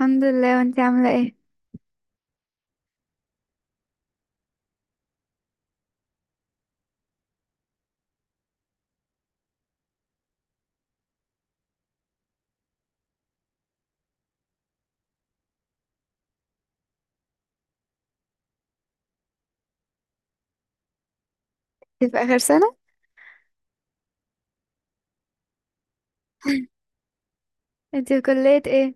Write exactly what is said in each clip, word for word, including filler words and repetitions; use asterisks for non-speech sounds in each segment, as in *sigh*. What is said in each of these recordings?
الحمد لله، وانتي عاملة ايه؟ انتي في آخر سنة؟ انتي في كلية ايه؟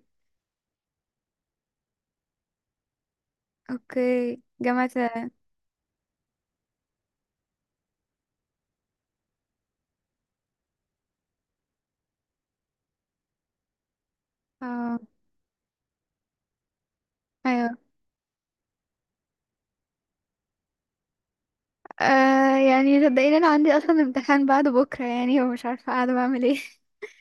اوكي، جامعة. اه. ايوه. آه يعني صدقيني انا عندي اصلا امتحان بعد بكرة، يعني ومش عارفة قاعدة بعمل ايه.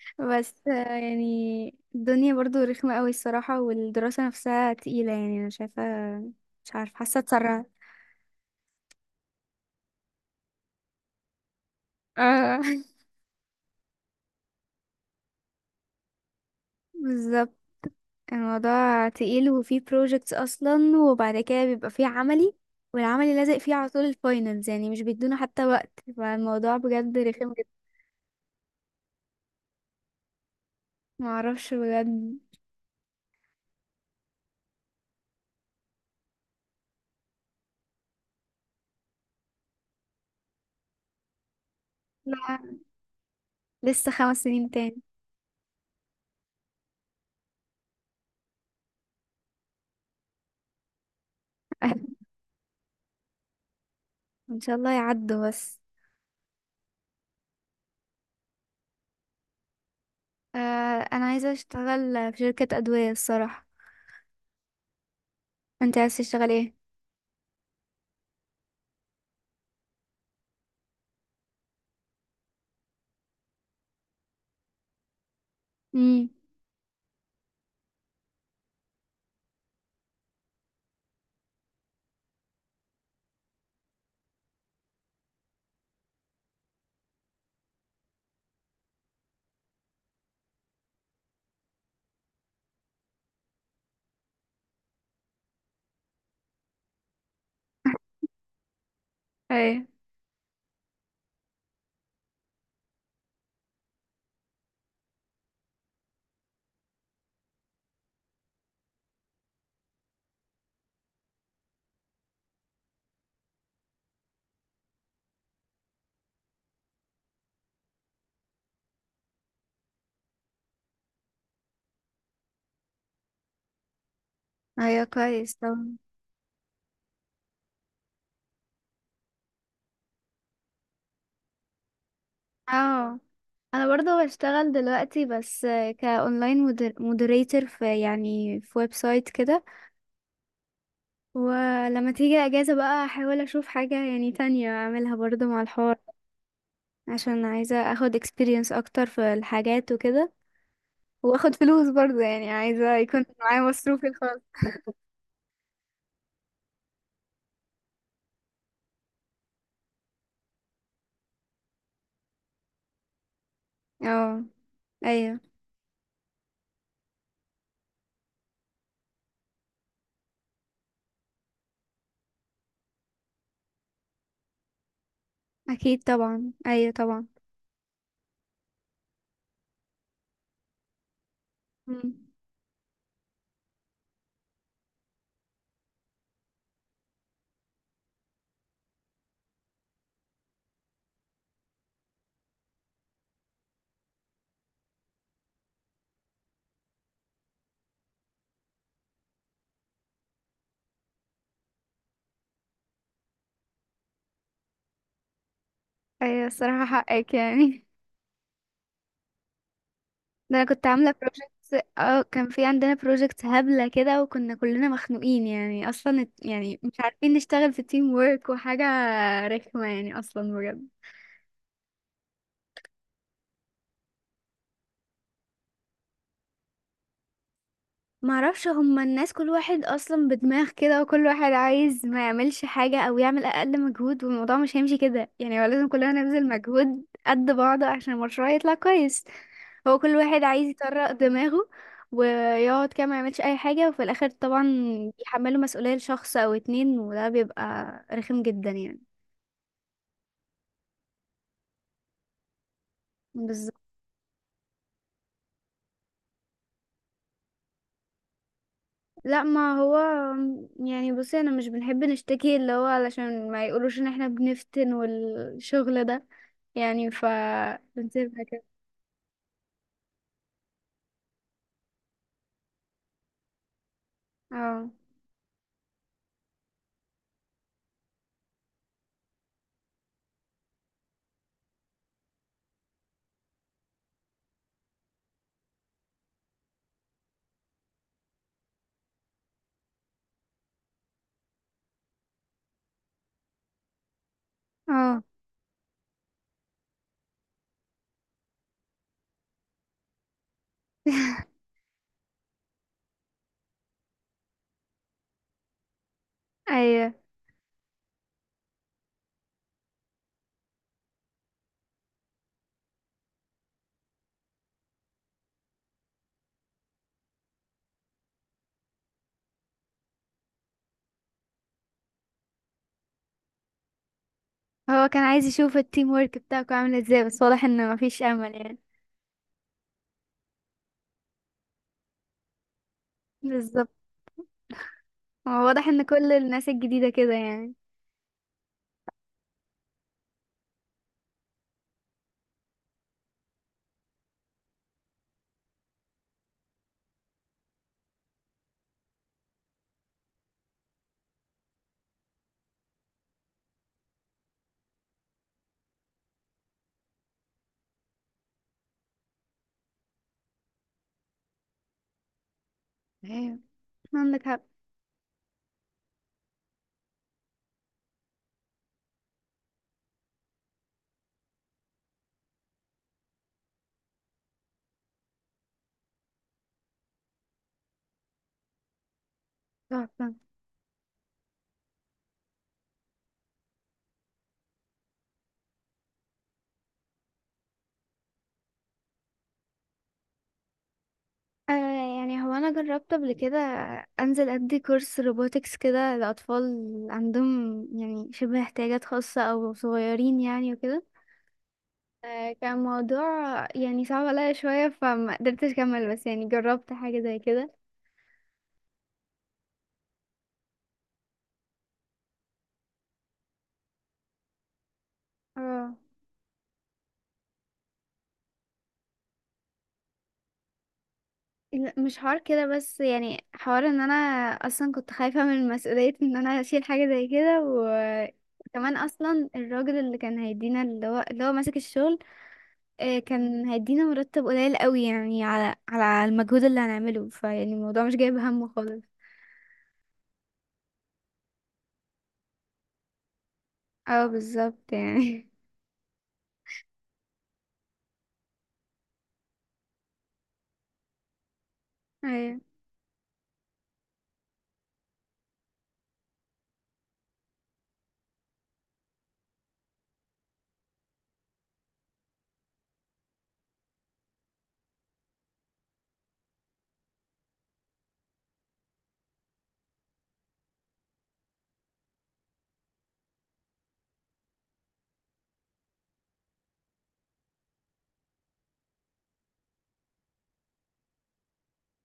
*laughs* بس آه يعني الدنيا برضو رخمة قوي الصراحة، والدراسة نفسها تقيلة، يعني انا شايفة مش عارفة، حاسة اتسرعت. اه. *laughs* بالظبط. الموضوع تقيل، وفيه projects اصلا، وبعد كده بيبقى فيه عملي. والعملي لازق فيه على طول الفاينلز، يعني مش بيدونا حتى وقت، فالموضوع بجد رخم جدا. معرفش بجد. لا، لسه خمس سنين تاني. *laughs* ان شاء الله يعدوا بس. آه انا عايزه اشتغل في شركه ادويه الصراحه. انت عايز تشتغل ايه؟ امم. ايوه. ايوه كويس طبعا. اه، انا برضه بشتغل دلوقتي، بس كاونلاين، مودريتور في يعني في ويب سايت كده. ولما تيجي اجازة بقى احاول اشوف حاجة يعني تانية اعملها برضو مع الحوار، عشان عايزة اخد experience اكتر في الحاجات وكده، واخد فلوس برضو، يعني عايزة يكون معايا مصروفي الخاص. اه. ايوه اكيد طبعا، ايوه طبعا. مم. ايوه الصراحة حقك، يعني *laughs* ده انا كنت عاملة projects. اه، كان في عندنا projects هبلة كده، وكنا كلنا مخنوقين، يعني اصلا يعني مش عارفين نشتغل في team work وحاجة رخمة يعني اصلا بجد. معرفش، هما الناس كل واحد اصلا بدماغ كده، وكل واحد عايز ما يعملش حاجة او يعمل اقل مجهود، والموضوع مش هيمشي كده. يعني هو لازم كلنا نبذل مجهود قد بعض عشان المشروع يطلع كويس. هو كل واحد عايز يطرق دماغه ويقعد كده ما يعملش اي حاجة، وفي الاخر طبعا بيحملوا مسؤولية لشخص او اتنين، وده بيبقى رخم جدا يعني. بالظبط. لا ما هو، يعني بصي انا مش بنحب نشتكي، اللي هو علشان ما يقولوش ان احنا بنفتن والشغل ده، يعني ف بنسيبها كده. اه. اه. ايوه، هو كان عايز يشوف التيم ورك بتاعكم عامل ازاي، بس واضح ان مفيش امل يعني. بالظبط. هو واضح ان كل الناس الجديدة كده يعني. ايوه عندك حق. تحفة. آه يعني هو انا جربت قبل كده انزل ادي كورس روبوتكس كده لاطفال عندهم يعني شبه احتياجات خاصة او صغيرين يعني وكده. آه كان موضوع يعني صعب عليا شوية، فما قدرتش اكمل، بس يعني جربت حاجة زي كده. اه. لا، مش حوار كده، بس يعني حوار ان انا اصلا كنت خايفة من مسؤولية ان انا اشيل حاجة زي كده، و كمان اصلا الراجل اللي كان هيدينا اللي هو اللي هو ماسك الشغل، آه، كان هيدينا مرتب قليل قوي، يعني على على المجهود اللي هنعمله، فيعني الموضوع مش جايب همه خالص. اه بالظبط يعني. *laughs* ايوه،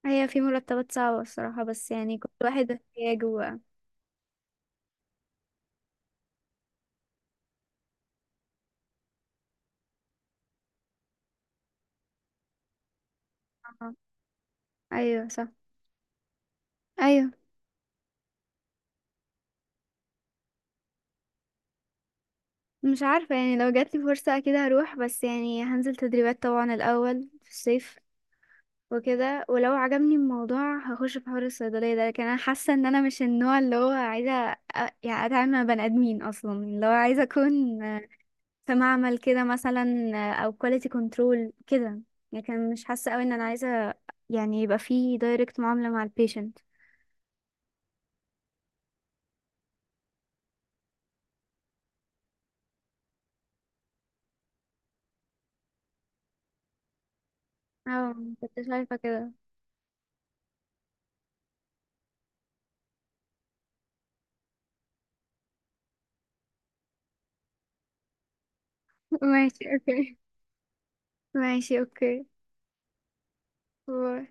ايوه في مرتبات صعبة الصراحة، بس يعني كل واحد احتياجه بقى. آه، ايوه صح. ايوه. مش عارفة يعني، لو جاتلي فرصة اكيد هروح، بس يعني هنزل تدريبات طبعا الاول في الصيف وكده، ولو عجبني الموضوع هخش في حوار الصيدلية ده، لكن انا حاسة ان انا مش النوع اللي هو عايزة أ- يعني اتعامل مع بني ادمين، اصلا اللي هو عايزة اكون في معمل كده مثلا، او كواليتي كنترول كده. لكن مش حاسه قوي ان انا عايزه يعني يبقى في دايركت معامله مع البيشنت. اه كنت شايفه كده. *laughs* ماشي اوكي. ماشي اوكي. باي.